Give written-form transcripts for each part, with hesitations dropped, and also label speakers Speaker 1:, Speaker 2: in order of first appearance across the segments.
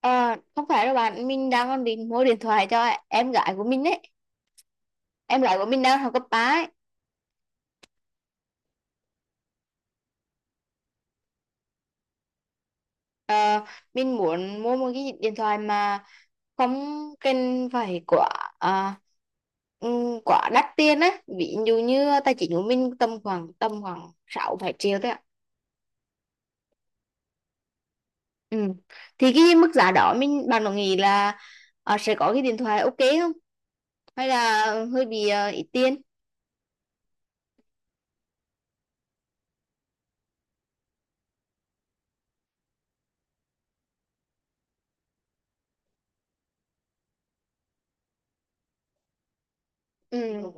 Speaker 1: Ờ, không phải đâu bạn, mình đang còn định mua điện thoại cho em gái của mình ấy. Em gái của mình đang học cấp 3 ấy. Ờ, mình muốn mua một cái điện thoại mà không cần phải à, quá đắt tiền á. Ví dụ như tài chính của mình tầm khoảng 6 7 triệu thôi ạ. Ừ. Thì cái mức giá đó mình bạn có nghĩ là sẽ có cái điện thoại ok không? Hay là hơi bị ít tiền? Ừ.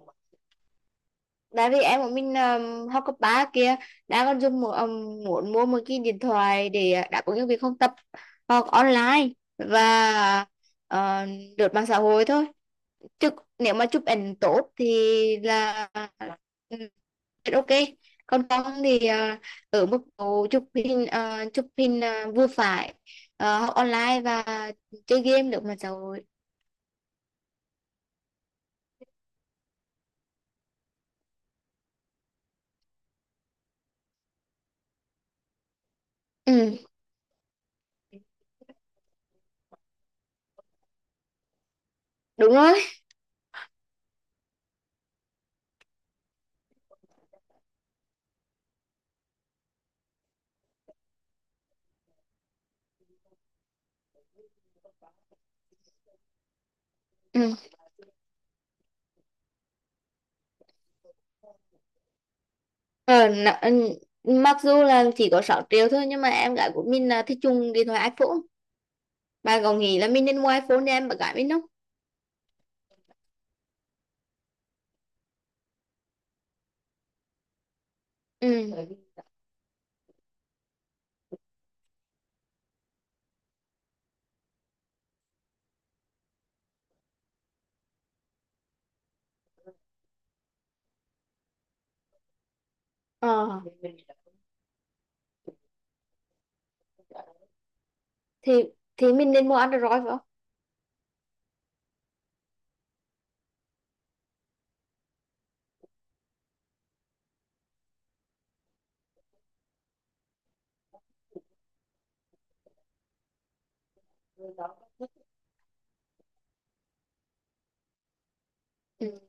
Speaker 1: Tại vì em của mình học cấp 3 kia đã còn dùng một muốn mua một cái điện thoại để đáp ứng những việc học tập, học online và ờ, lướt mạng xã hội thôi, chứ nếu mà chụp ảnh tốt thì là ừ, ok. Còn con thì ở mức độ chụp hình vừa phải, học online và chơi game lướt mạng xã hội. Ừ, đúng rồi. Ừ. Ờ, mặc dù là chỉ có 6 triệu thôi nhưng mà em gái của mình là thích dùng điện thoại iPhone. Bà có nghĩ là mình nên mua iPhone để em bạn gái mình không? Ừ. ờ, thì thì mình nên mua Android phải không? Ừ.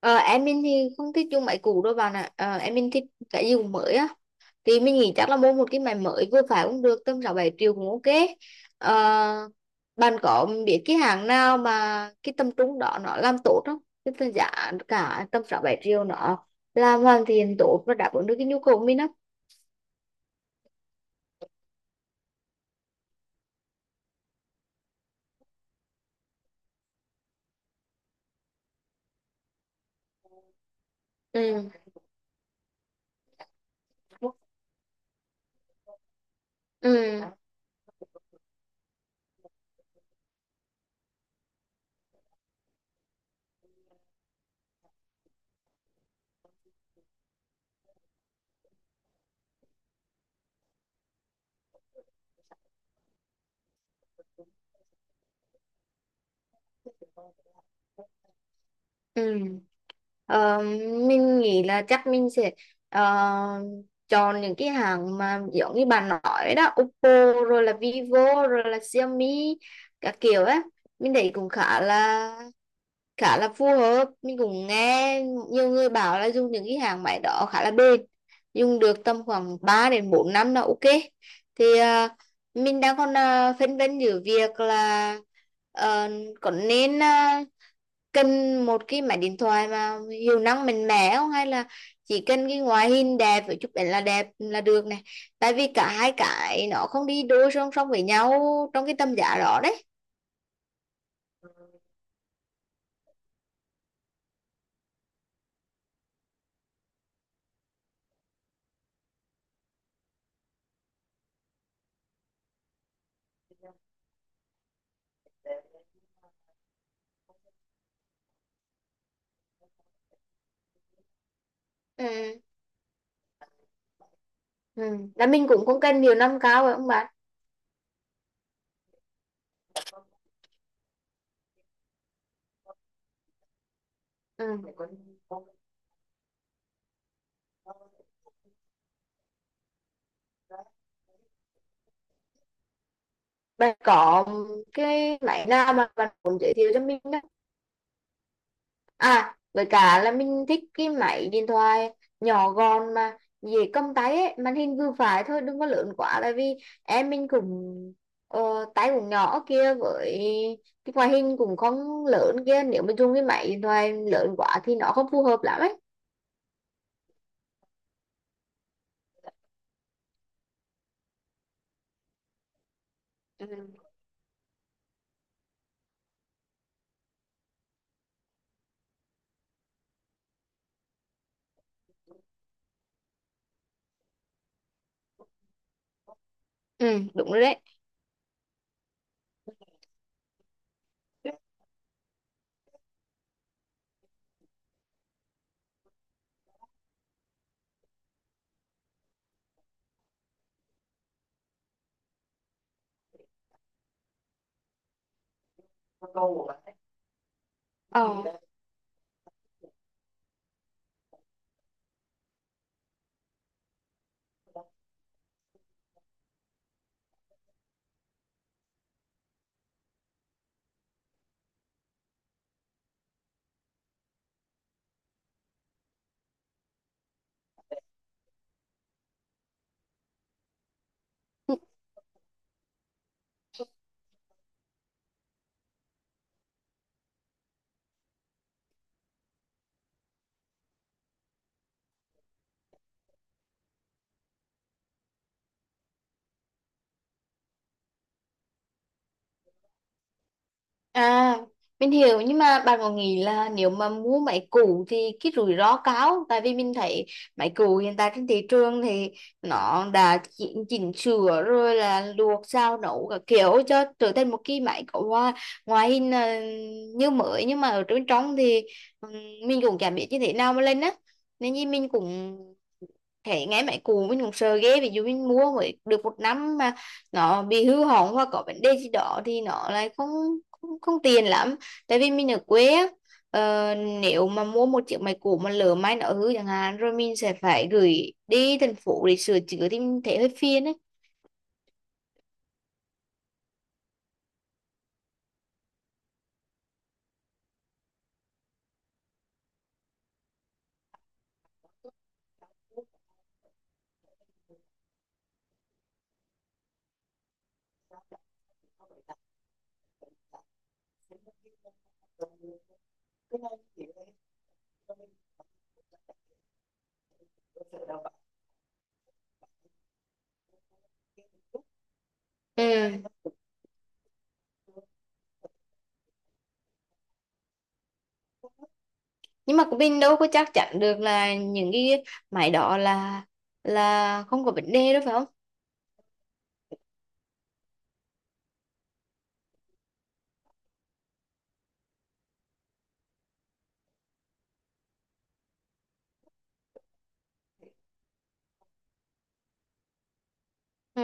Speaker 1: Ờ, em mình thì không thích dùng máy cũ đâu bà nè. Ờ, em mình thích cái gì cũng mới á. Thì mình nghĩ chắc là mua một cái máy mới vừa phải cũng được, tầm 6-7 triệu cũng ok. Ờ, bạn có biết cái hàng nào mà cái tầm trung đó nó làm tốt không? Cái tầm giá cả tầm 6-7 triệu nó làm hoàn thiện tốt và đáp ứng được cái nhu cầu của mình không? Ừ. Ừ. Ừ. Ờ, mình nghĩ là chắc mình sẽ ờ, chọn những cái hàng mà giống như bạn nói đó: Oppo rồi là Vivo rồi là Xiaomi các kiểu á. Mình thấy cũng khá là phù hợp. Mình cũng nghe nhiều người bảo là dùng những cái hàng máy đó khá là bền, dùng được tầm khoảng 3 đến 4 năm là ok. Thì mình đang còn phân vân giữa việc là ờ, có nên cần một cái máy điện thoại mà hiệu năng mạnh mẽ không, hay là chỉ cần cái ngoại hình đẹp với chụp ảnh là đẹp là được này. Tại vì cả hai cái nó không đi đôi song song với nhau trong cái tầm giá đó đấy. Ừ. Ừ. Là mình cũng không cần nhiều năm cao rồi không bạn. Ừ. Bạn có cái máy nào mà bạn muốn giới thiệu cho mình? À, với cả là mình thích cái máy điện thoại nhỏ gọn mà dễ cầm tay ấy, màn hình vừa phải thôi, đừng có lớn quá. Tại vì em mình cũng ờ, tay cũng nhỏ kia, với cái ngoại hình cũng không lớn kia, nếu mà dùng cái máy điện thoại lớn quá thì nó không phù hợp lắm ấy. Ừ. Ừ, đúng rồi đấy. Ờ. À, mình hiểu nhưng mà bạn có nghĩ là nếu mà mua máy cũ thì cái rủi ro cao, tại vì mình thấy máy cũ hiện tại trên thị trường thì nó đã chỉnh sửa rồi là luộc sao nấu các kiểu cho trở thành một cái máy có ngoại hình là như mới nhưng mà ở bên trong thì ừm, mình cũng chả biết như thế nào mà lên á. Nên như mình cũng, thế nghe mấy cụ mình cũng sợ ghê. Ví dụ mình mua mới được một năm mà nó bị hư hỏng hoặc có vấn đề gì đó thì nó lại không không, không tiền lắm, tại vì mình ở quê á. ờ, Nếu mà mua một chiếc máy cũ mà lỡ may nó hư chẳng hạn rồi mình sẽ phải gửi đi thành phố để sửa chữa thì mình thấy hơi phiền ấy. Ừ. Nhưng mà mình đâu có chắc chắn được là những cái máy đó là không có vấn đề đâu phải không? Ừ.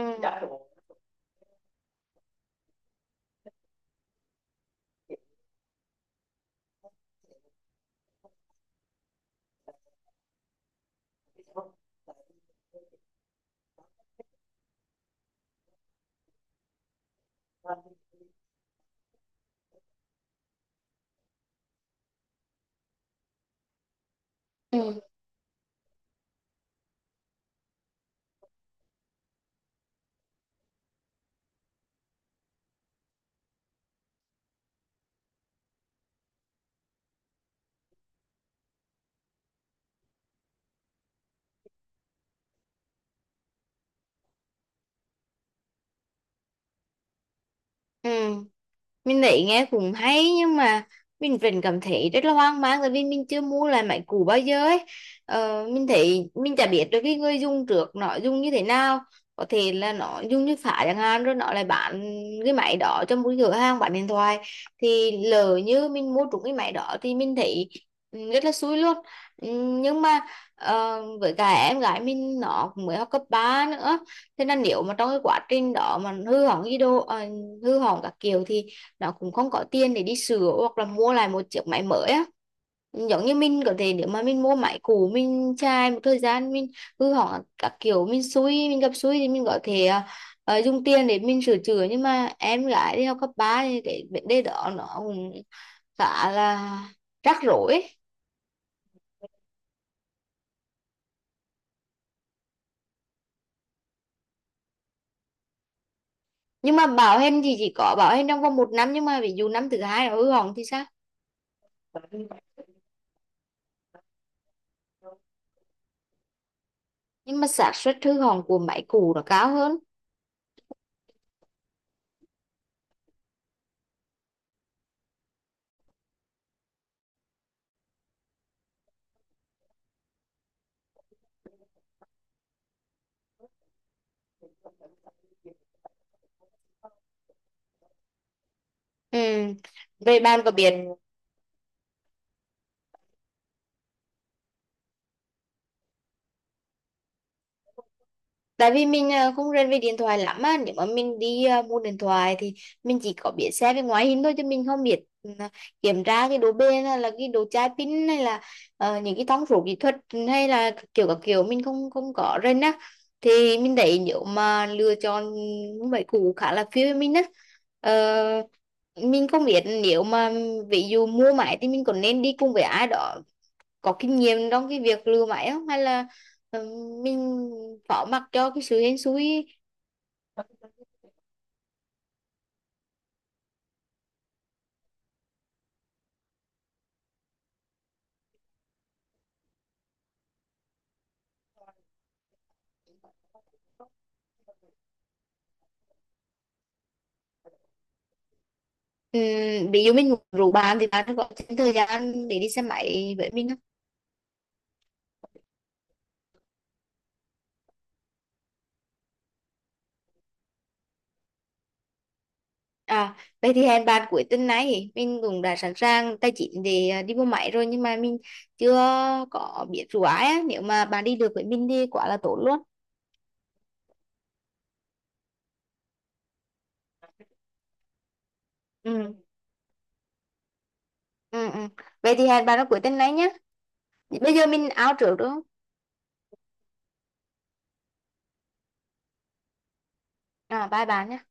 Speaker 1: Ừ. Ừ. Mình thấy nghe cũng hay nhưng mà mình vẫn cảm thấy rất là hoang mang, tại vì mình chưa mua lại máy cũ bao giờ ấy. Ờ, mình thấy mình chả biết được cái người dùng trước nó dùng như thế nào. Có thể là nó dùng như phá chẳng hạn rồi nó lại bán cái máy đó cho một cửa hàng bán điện thoại, thì lỡ như mình mua trúng cái máy đó thì mình thấy ừ, rất là xui luôn. Ừ, nhưng mà với cả em gái mình nó cũng mới học cấp 3 nữa, thế nên nếu mà trong cái quá trình đó mà hư hỏng gì đồ hư hỏng các kiểu thì nó cũng không có tiền để đi sửa hoặc là mua lại một chiếc máy mới á. Giống như mình có thể nếu mà mình mua máy cũ mình chai một thời gian mình hư hỏng các kiểu mình xui mình gặp xui thì mình có thể dùng tiền để mình sửa chữa, nhưng mà em gái đi học cấp 3 thì cái vấn đề đó nó cũng khá là rắc rối ấy. Nhưng mà bảo hành thì chỉ có bảo hành trong vòng một năm, nhưng mà ví dụ năm thứ hai nó hư hỏng thì sao? Nhưng mà xác suất hư hỏng của máy cũ nó cao hơn. Ừ. Vậy bạn có biết, tại vì mình không rành về điện thoại lắm á, nếu mà mình đi mua điện thoại thì mình chỉ có biết xét về ngoại hình thôi chứ mình không biết kiểm tra cái độ bền hay là cái độ chai pin hay là những cái thông số kỹ thuật hay là kiểu các kiểu mình không không có rành á. Thì mình thấy nếu mà lựa chọn mấy cũ khá là phiêu với mình á. Ờ, mình không biết nếu mà ví dụ mua máy thì mình còn nên đi cùng với ai đó có kinh nghiệm trong cái việc lừa máy không, hay là ờ, mình phó mặc cho cái sự hên xui. Ví dụ mình rủ bạn thì bạn có thêm thời gian để đi xe máy với mình không? À, vậy thì hẹn bạn cuối tuần này. Mình cũng đã sẵn sàng tài chính để đi mua máy rồi nhưng mà mình chưa có biết rủ ai á. Nếu mà bạn đi được với mình thì quá là tốt luôn. Ừ. Ừ, ừ. Vậy thì hẹn bạn vào cuối tuần này nhé. Bây giờ mình out trước đúng không? À, bye bạn nhé.